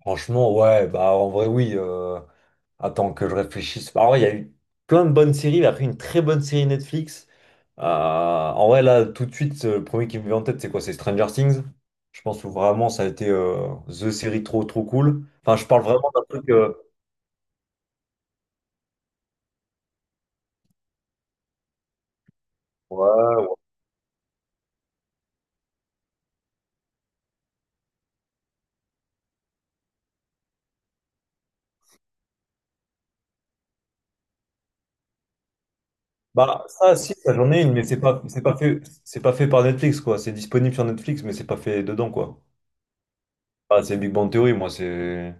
Franchement, ouais, bah en vrai, oui. Attends que je réfléchisse. En vrai, il y a eu plein de bonnes séries. Il y a eu une très bonne série Netflix. En vrai, là, tout de suite, le premier qui me vient en tête, c'est quoi? C'est Stranger Things. Je pense que vraiment, ça a été the série trop, trop cool. Enfin, je parle vraiment d'un truc. Ouais, ouais. Bah, ça, si, ça, j'en ai une, mais c'est pas fait par Netflix, quoi. C'est disponible sur Netflix, mais c'est pas fait dedans, quoi. Ah, c'est Big Bang Theory, moi, c'est.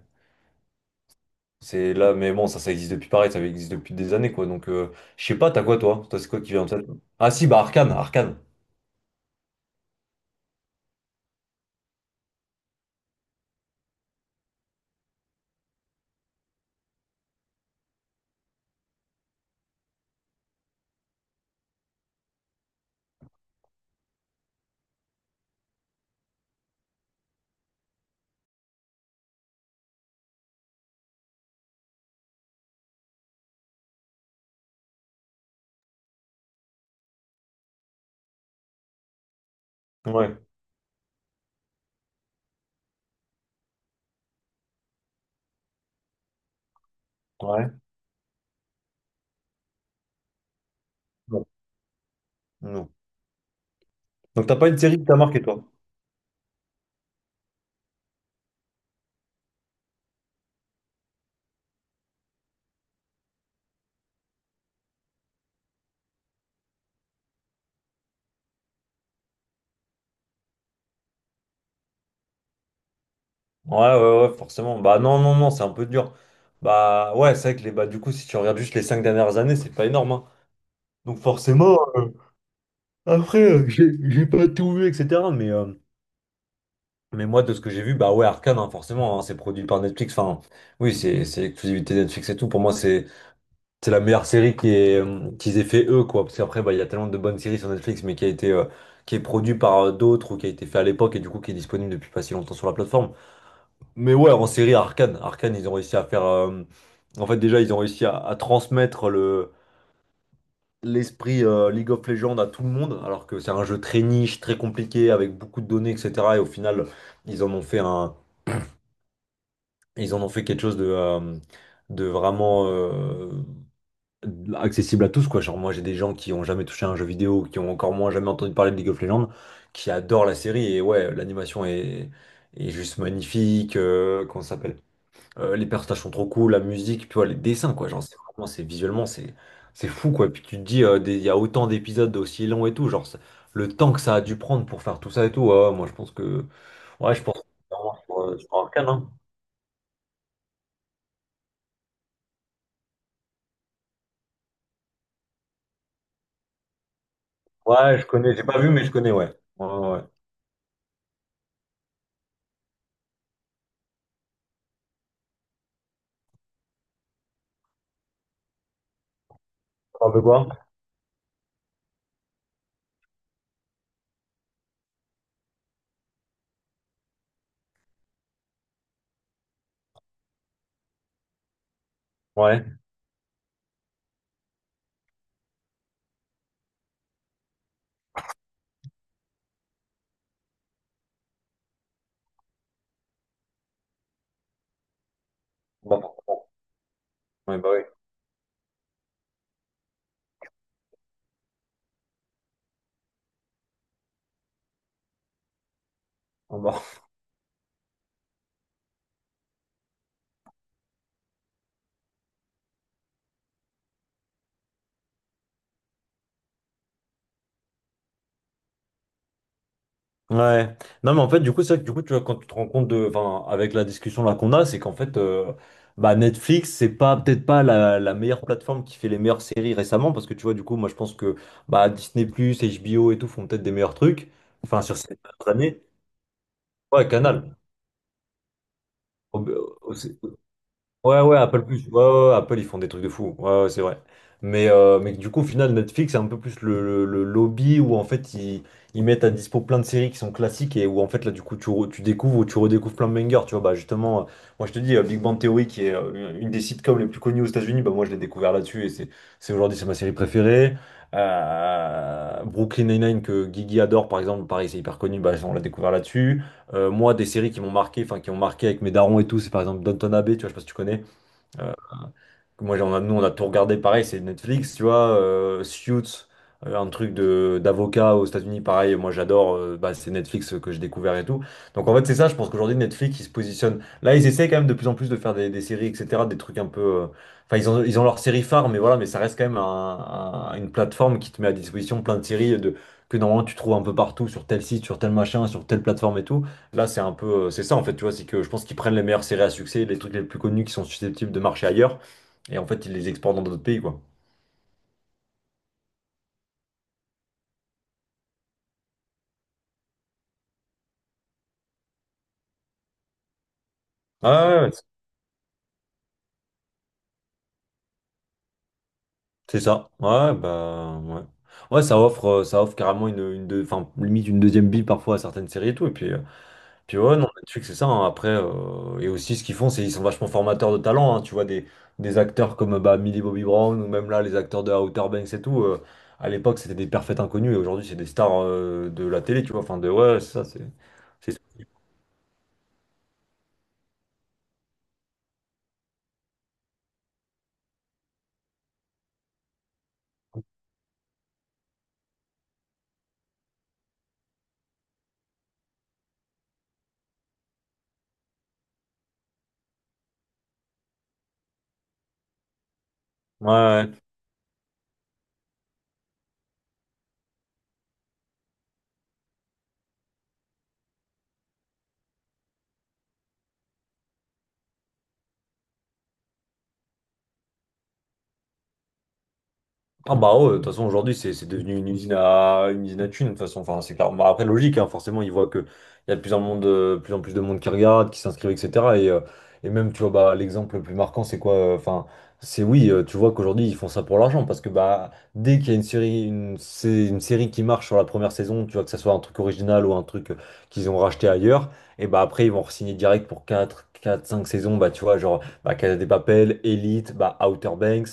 C'est là, mais bon, ça existe depuis pareil, ça existe depuis des années, quoi. Donc, je sais pas, t'as quoi, toi? Toi, c'est quoi qui vient en tête? Ah, si, bah, Arcane, Arcane. Ouais, ouais. Non. Non. Donc, t'as pas une série qui t'a marqué, toi? Ouais, ouais, ouais, forcément. Bah, non, non, non, c'est un peu dur. Bah, ouais, c'est vrai que les, bah, du coup, si tu regardes juste les cinq dernières années, c'est pas énorme, hein. Donc, forcément, après, j'ai pas tout vu, etc. Mais moi, de ce que j'ai vu, bah, ouais, Arcane, hein, forcément, hein, c'est produit par Netflix. Enfin, oui, c'est l'exclusivité Netflix et tout. Pour moi, c'est. C'est la meilleure série qui est, qu'ils aient fait eux, quoi. Parce qu'après, bah, il y a tellement de bonnes séries sur Netflix, mais qui a été, qui est produit par d'autres ou qui a été fait à l'époque et du coup qui est disponible depuis pas si longtemps sur la plateforme. Mais ouais, en série Arcane, Arcane, ils ont réussi à faire. En fait, déjà, ils ont réussi à transmettre le l'esprit League of Legends à tout le monde, alors que c'est un jeu très niche, très compliqué, avec beaucoup de données, etc. Et au final, ils en ont fait un, ils en ont fait quelque chose de vraiment. Accessible à tous, quoi. Genre, moi, j'ai des gens qui ont jamais touché à un jeu vidéo, qui ont encore moins jamais entendu parler de League of Legends, qui adorent la série. Et ouais, est juste magnifique. Comment ça s'appelle? Les personnages sont trop cool, la musique, tu vois, les dessins, quoi. Genre, c'est vraiment, c'est visuellement, c'est fou, quoi. Puis tu te dis, il y a autant d'épisodes aussi longs et tout. Le temps que ça a dû prendre pour faire tout ça et tout, ouais, moi, je pense que. Ouais, je pense que c'est vraiment sur, sur Arcane, hein. Ouais, je connais, j'ai pas vu, mais je connais, ouais. Ouais, ouais, ouais. Un peu quoi? Ouais. Bah, ouais, bah, ouais. En bas. Ouais. Non, mais en fait, du coup, c'est vrai que du coup, tu vois, quand tu te rends compte de, enfin, avec la discussion là qu'on a, c'est qu'en fait, bah, Netflix, c'est pas peut-être pas la, la meilleure plateforme qui fait les meilleures séries récemment, parce que tu vois, du coup, moi, je pense que bah, Disney+, HBO et tout font peut-être des meilleurs trucs, enfin, sur ces dernières années. Ouais, Canal. Au- au- Ouais, ouais, Apple plus. Ouais, ouais, ouais, Apple, ils font des trucs de fou. Ouais, ouais, c'est vrai. Mais du coup, au final, Netflix, c'est un peu plus le lobby où en fait, ils mettent à dispo plein de séries qui sont classiques et où en fait, là, du coup, tu découvres ou tu redécouvres plein de bangers. Tu vois, bah justement, moi, je te dis, Big Bang Theory, qui est une des sitcoms les plus connues aux États-Unis, bah moi, je l'ai découvert là-dessus et c'est aujourd'hui, c'est ma série préférée. Brooklyn Nine-Nine que Guigui adore par exemple, pareil c'est hyper connu, bah, on l'a découvert là-dessus. Moi des séries qui m'ont marqué, enfin qui ont marqué avec mes darons et tout, c'est par exemple Downton Abbey, tu vois, je sais pas si tu connais. Euh, nous, on a tout regardé pareil, c'est Netflix, tu vois. Suits, un truc de d'avocat aux États-Unis, pareil. Moi, j'adore. Bah, c'est Netflix que j'ai découvert et tout. Donc, en fait, c'est ça. Je pense qu'aujourd'hui, Netflix, ils se positionnent. Là, ils essaient quand même de plus en plus de faire des séries, etc. Des trucs un peu. Enfin, ils ont leur série phare, mais voilà, mais ça reste quand même une plateforme qui te met à disposition plein de séries de, que normalement tu trouves un peu partout, sur tel site, sur tel machin, sur telle plateforme et tout. Là, c'est un peu, c'est ça en fait, tu vois, c'est que je pense qu'ils prennent les meilleures séries à succès, les trucs les plus connus qui sont susceptibles de marcher ailleurs, et en fait, ils les exportent dans d'autres pays, quoi. Ouais, ouais, ouais, c'est ça. Ouais, bah, ouais. Ouais, ça offre carrément enfin, limite une deuxième bille parfois à certaines séries et tout. Et puis, puis ouais, non, Netflix, c'est ça, hein. Après, et aussi, ce qu'ils font, c'est qu'ils sont vachement formateurs de talent, hein. Tu vois, des acteurs comme bah, Millie Bobby Brown ou même là, les acteurs de Outer Banks et tout. À l'époque, c'était des parfaits inconnus et aujourd'hui, c'est des stars de la télé, tu vois. Enfin, de ouais, c'est ça, c'est. c'est- Ouais, ouais. Ah bah ouais, de toute façon aujourd'hui c'est devenu une usine à thunes de toute façon enfin c'est clair. Bah, après logique hein, forcément ils voient que il y a de plus en monde plus en plus de monde qui regarde qui s'inscrivent etc et, euh, et même tu vois bah l'exemple le plus marquant c'est quoi enfin c'est oui tu vois qu'aujourd'hui ils font ça pour l'argent parce que bah dès qu'il y a une série qui marche sur la première saison tu vois que ça soit un truc original ou un truc qu'ils ont racheté ailleurs et bah après ils vont re-signer direct pour quatre 5 saisons bah tu vois genre bah, Casa des Papel, Elite bah Outer Banks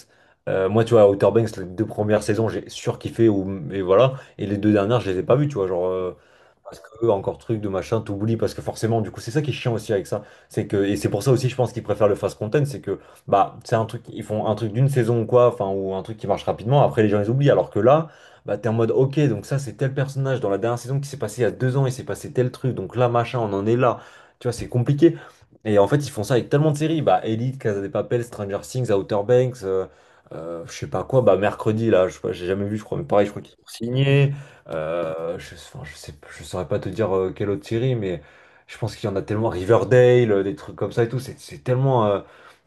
moi, tu vois, Outer Banks, les deux premières saisons, j'ai surkiffé, ou, et voilà. Et les deux dernières, je les ai pas vues, tu vois. Genre, parce que, encore truc de machin, t'oublies, parce que forcément, du coup, c'est ça qui est chiant aussi avec ça. C'est que, et c'est pour ça aussi, je pense qu'ils préfèrent le fast content, c'est que, bah, c'est un truc, ils font un truc d'une saison ou quoi, enfin, ou un truc qui marche rapidement, après les gens les oublient, alors que là, bah, t'es en mode, ok, donc ça, c'est tel personnage dans la dernière saison qui s'est passé il y a deux ans, il s'est passé tel truc, donc là, machin, on en est là. Tu vois, c'est compliqué. Et en fait, ils font ça avec tellement de séries, bah, Elite, Casa de Papel, Stranger Things, Outer Banks, je sais pas quoi, bah, mercredi, là, je sais pas, j'ai jamais vu, je crois, mais pareil, je crois qu'ils ont signé. Je, enfin, je sais, je saurais pas te dire quelle autre série, mais je pense qu'il y en a tellement Riverdale, des trucs comme ça et tout. C'est tellement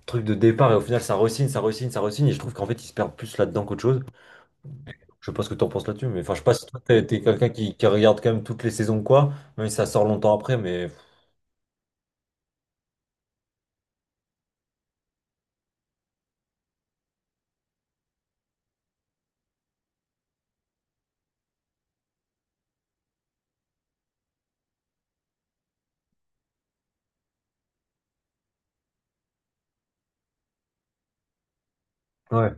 truc de départ et au final ça re-signe, ça re-signe, ça re-signe. Et je trouve qu'en fait ils se perdent plus là-dedans qu'autre chose. Je sais pas ce que t'en penses là-dessus, mais enfin je sais pas si toi t'es quelqu'un qui regarde quand même toutes les saisons ou quoi, même si ça sort longtemps après, mais ouais,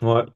ouais.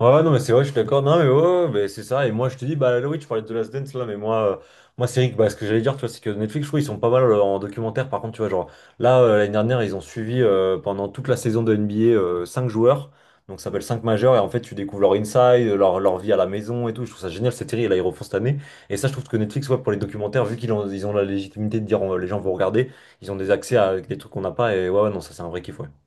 Ouais, ouais, non, mais c'est vrai, je suis d'accord. Non, mais ouais, ouais, mais c'est ça. Et moi, je te dis, bah là, oui, tu parlais de The Last Dance, là, mais moi, moi c'est vrai que bah, ce que j'allais dire, tu vois, c'est que Netflix, je trouve, ils sont pas mal en documentaire. Par contre, tu vois, genre, là, l'année dernière, ils ont suivi pendant toute la saison de NBA 5 joueurs. Donc, ça s'appelle 5 majeurs. Et en fait, tu découvres leur inside, leur vie à la maison et tout. Je trouve ça génial, cette série. Et là, ils refont cette année. Et ça, je trouve que Netflix, ouais, pour les documentaires, vu qu'ils ont, ils ont la légitimité de dire, les gens vont regarder, ils ont des accès à des trucs qu'on n'a pas. Et ouais, ouais, non, ça, c'est un vrai kiff, ouais.